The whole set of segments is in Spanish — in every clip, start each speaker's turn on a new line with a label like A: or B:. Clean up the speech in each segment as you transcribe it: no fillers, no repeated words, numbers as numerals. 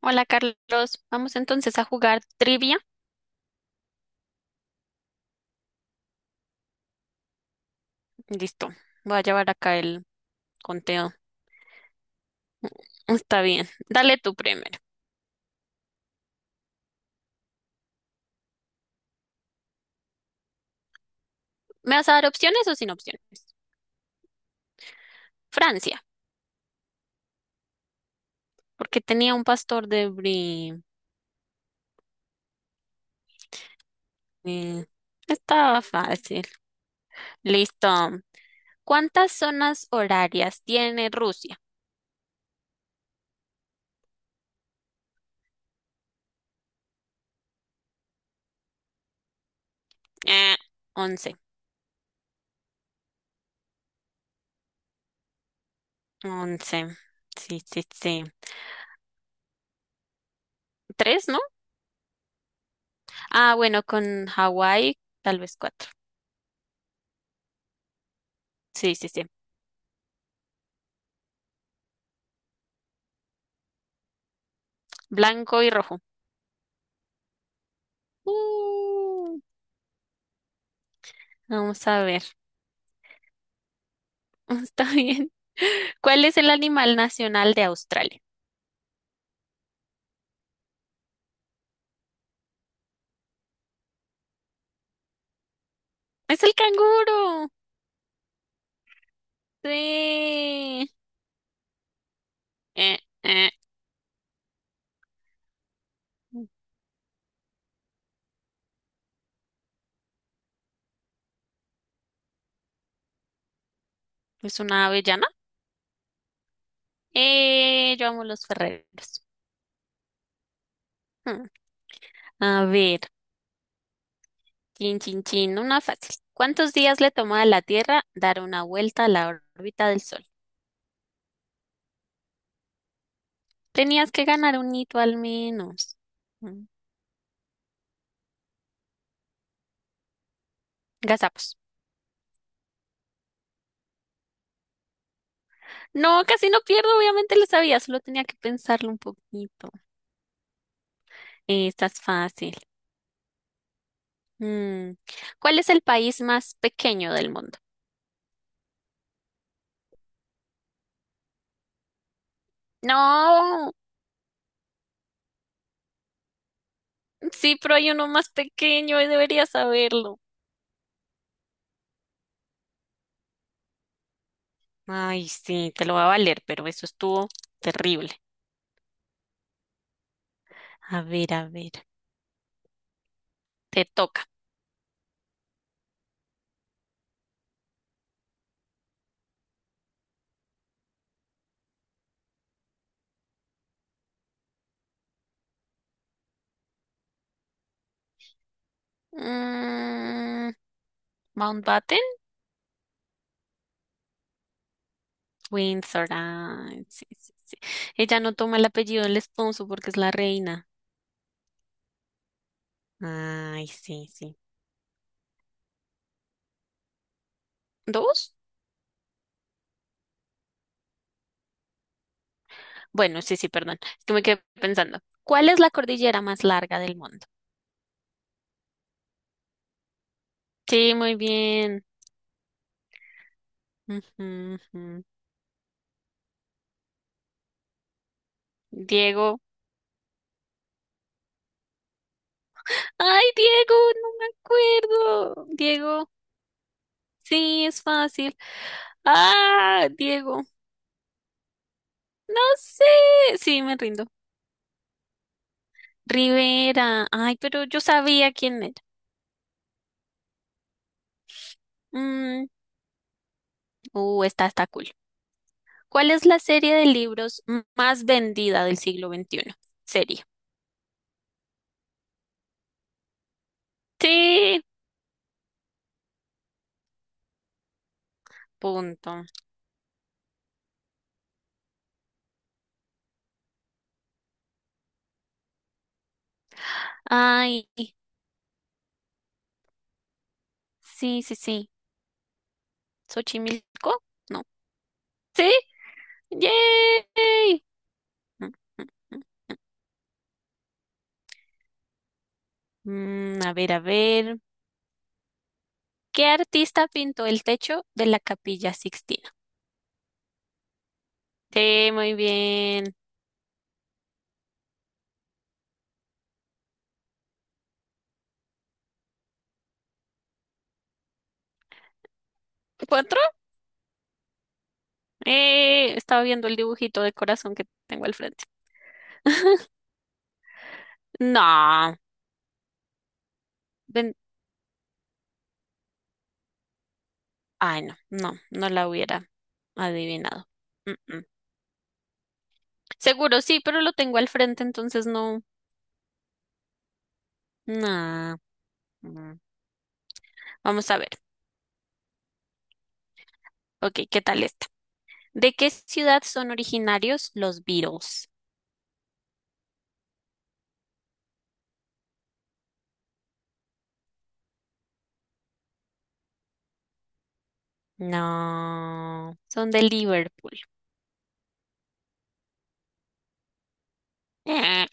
A: Hola Carlos, vamos entonces a jugar trivia. Listo, voy a llevar acá el conteo. Está bien, dale tú primero. ¿Me vas a dar opciones o sin opciones? Francia, porque tenía un pastor de Brie. Eh, Estaba fácil. Listo. ¿Cuántas zonas horarias tiene Rusia? Eh, Once. Once. Sí, sí, sí. ¿Tres, no? Ah, bueno, con Hawái, tal vez cuatro. Sí, sí, sí. Blanco y rojo. Uh. Vamos a ver. Está bien. ¿Cuál es el animal nacional de Australia? Es el canguro. Sí. Eh, eh. Es una avellana. Yo amo los ferreros. Hmm. A ver, chin, chin, chin, una fácil. ¿Cuántos días le tomó a la Tierra dar una vuelta a la órbita del Sol? Tenías que ganar un hito al menos. Mm, Gazapos. No, casi no pierdo, obviamente lo sabía, solo tenía que pensarlo un poquito. Esta es fácil. Mm, ¿Cuál es el país más pequeño del mundo? No, sí, pero hay uno más pequeño y deberías saberlo. Ay, sí, te lo va a valer, pero eso estuvo terrible. A ver, te toca. Mm, Mountbatten, Windsor. Ay, sí, sí, sí. Ella no toma el apellido del esposo porque es la reina. Ay, sí, sí. ¿Dos? Bueno, sí, sí, perdón. Es que me quedé pensando. ¿Cuál es la cordillera más larga del mundo? Sí, muy bien. Ujú, ujú. Diego. Ay, Diego, no me acuerdo. Diego, sí, es fácil. Ah, Diego, no sé. Sí, me rindo. Rivera. Ay, pero yo sabía quién era. Mm, esta está cool. ¿Cuál es la serie de libros más vendida del siglo veintiuno? Serie. Sí, punto. Ay, sí, sí, sí. ¿Xochimilco? No. Sí, yay. Mm, mm. A ver, a ver. ¿Qué artista pintó el techo de la Capilla Sixtina? Sí, muy bien. ¿Cuatro? Estaba viendo el dibujito de corazón que tengo al frente. No, ven- ay, no, no, no la hubiera adivinado. Mm, mm. Seguro sí, pero lo tengo al frente, entonces no. Nah. Mm. Vamos a ver. Ok, ¿qué tal esta? ¿De qué ciudad son originarios los Beatles? No, son de Liverpool. Eh,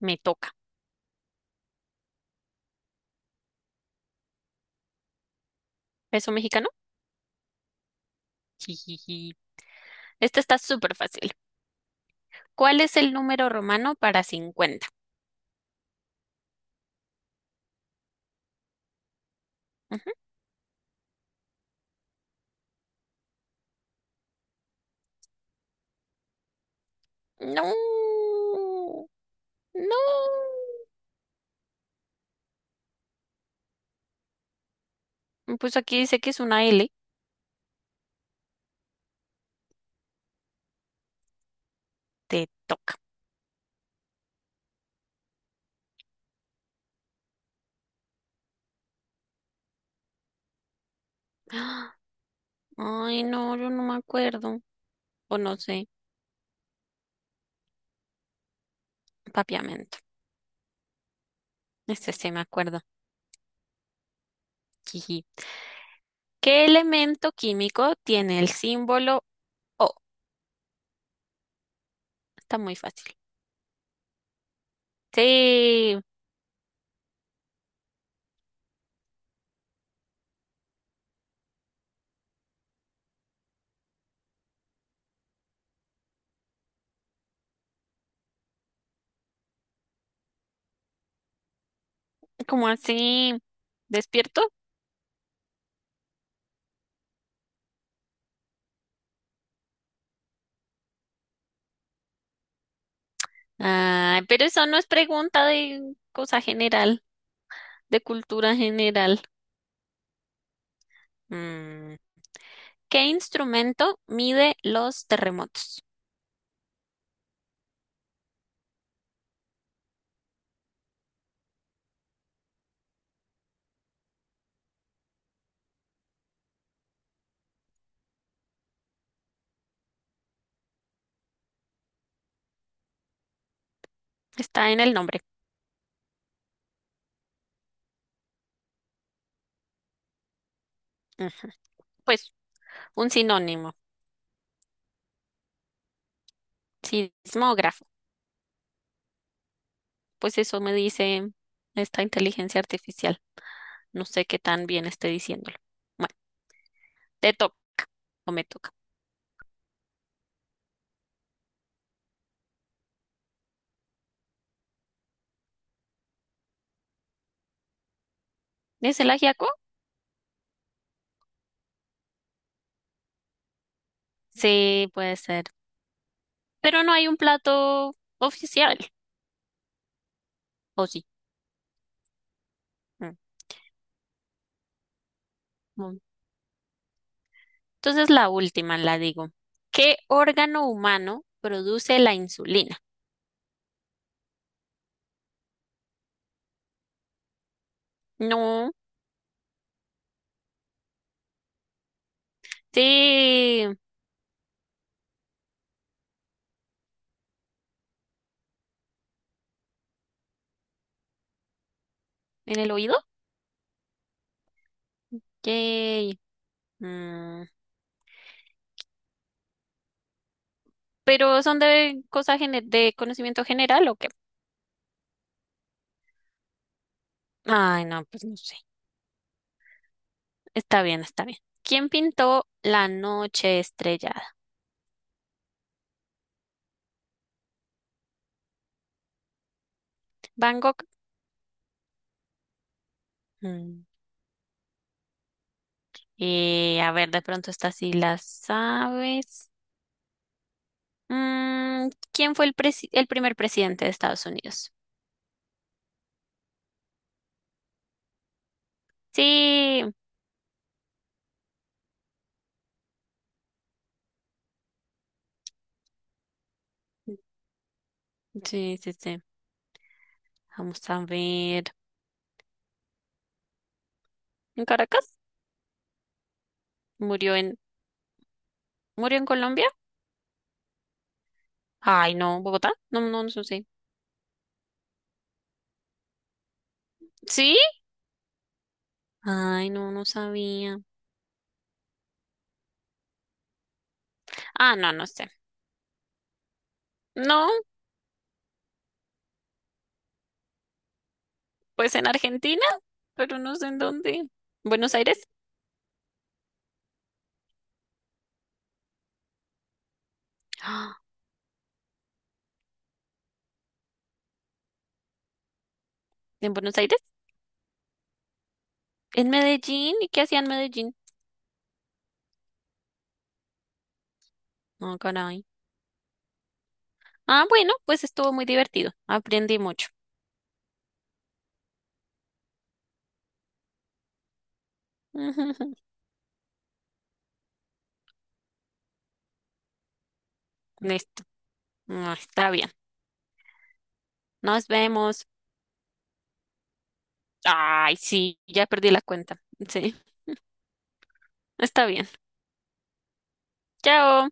A: me toca. Peso mexicano. Jijiji. Este está súper fácil. ¿Cuál es el número romano para cincuenta? Ujú. No, no. Pues aquí dice que es una L. Te toca. ¡Ah! Ay, no, yo no me acuerdo. O no sé. Papiamento. Este sí me acuerdo. Jiji. ¿Qué elemento químico tiene el símbolo O? Está muy fácil. Sí, ¿cómo así? ¿Despierto? Ay, pero eso no es pregunta de cosa general, de cultura general. Mm. ¿Qué instrumento mide los terremotos? Está en el nombre. Ujú. Pues un sinónimo, sismógrafo. Pues eso me dice esta inteligencia artificial. No sé qué tan bien esté diciéndolo. Bueno, te toca o me toca. ¿Es el ajiaco? Sí, puede ser. Pero no hay un plato oficial, ¿o sí? Mm. mm. Entonces la última la digo. ¿Qué órgano humano produce la insulina? No, sí, en el oído. Yay. Mm, ¿pero son de cosas de conocimiento general o qué? Ay, no, pues no sé. Está bien, está bien. ¿Quién pintó La noche estrellada? Van Gogh. Mm, a ver, de pronto esta sí la sabes. Mm, ¿quién fue el el primer presidente de Estados Unidos? Sí, sí, sí, sí. Vamos a ver. ¿En Caracas? ¿Murió en, ¿murió en Colombia? Ay, no, Bogotá. No, no, no sé. ¿Sí? Ay, no, no sabía. Ah, no, no sé. No, pues en Argentina, pero no sé en dónde. ¿Buenos Aires? Ah, ¿en Buenos Aires? ¿En Medellín? ¿Y qué hacía en Medellín? No, caray. Ah, bueno, pues estuvo muy divertido. Aprendí mucho. Listo. Ah, está bien. Nos vemos. Ay, sí, ya perdí la cuenta. Sí, está bien. Chao.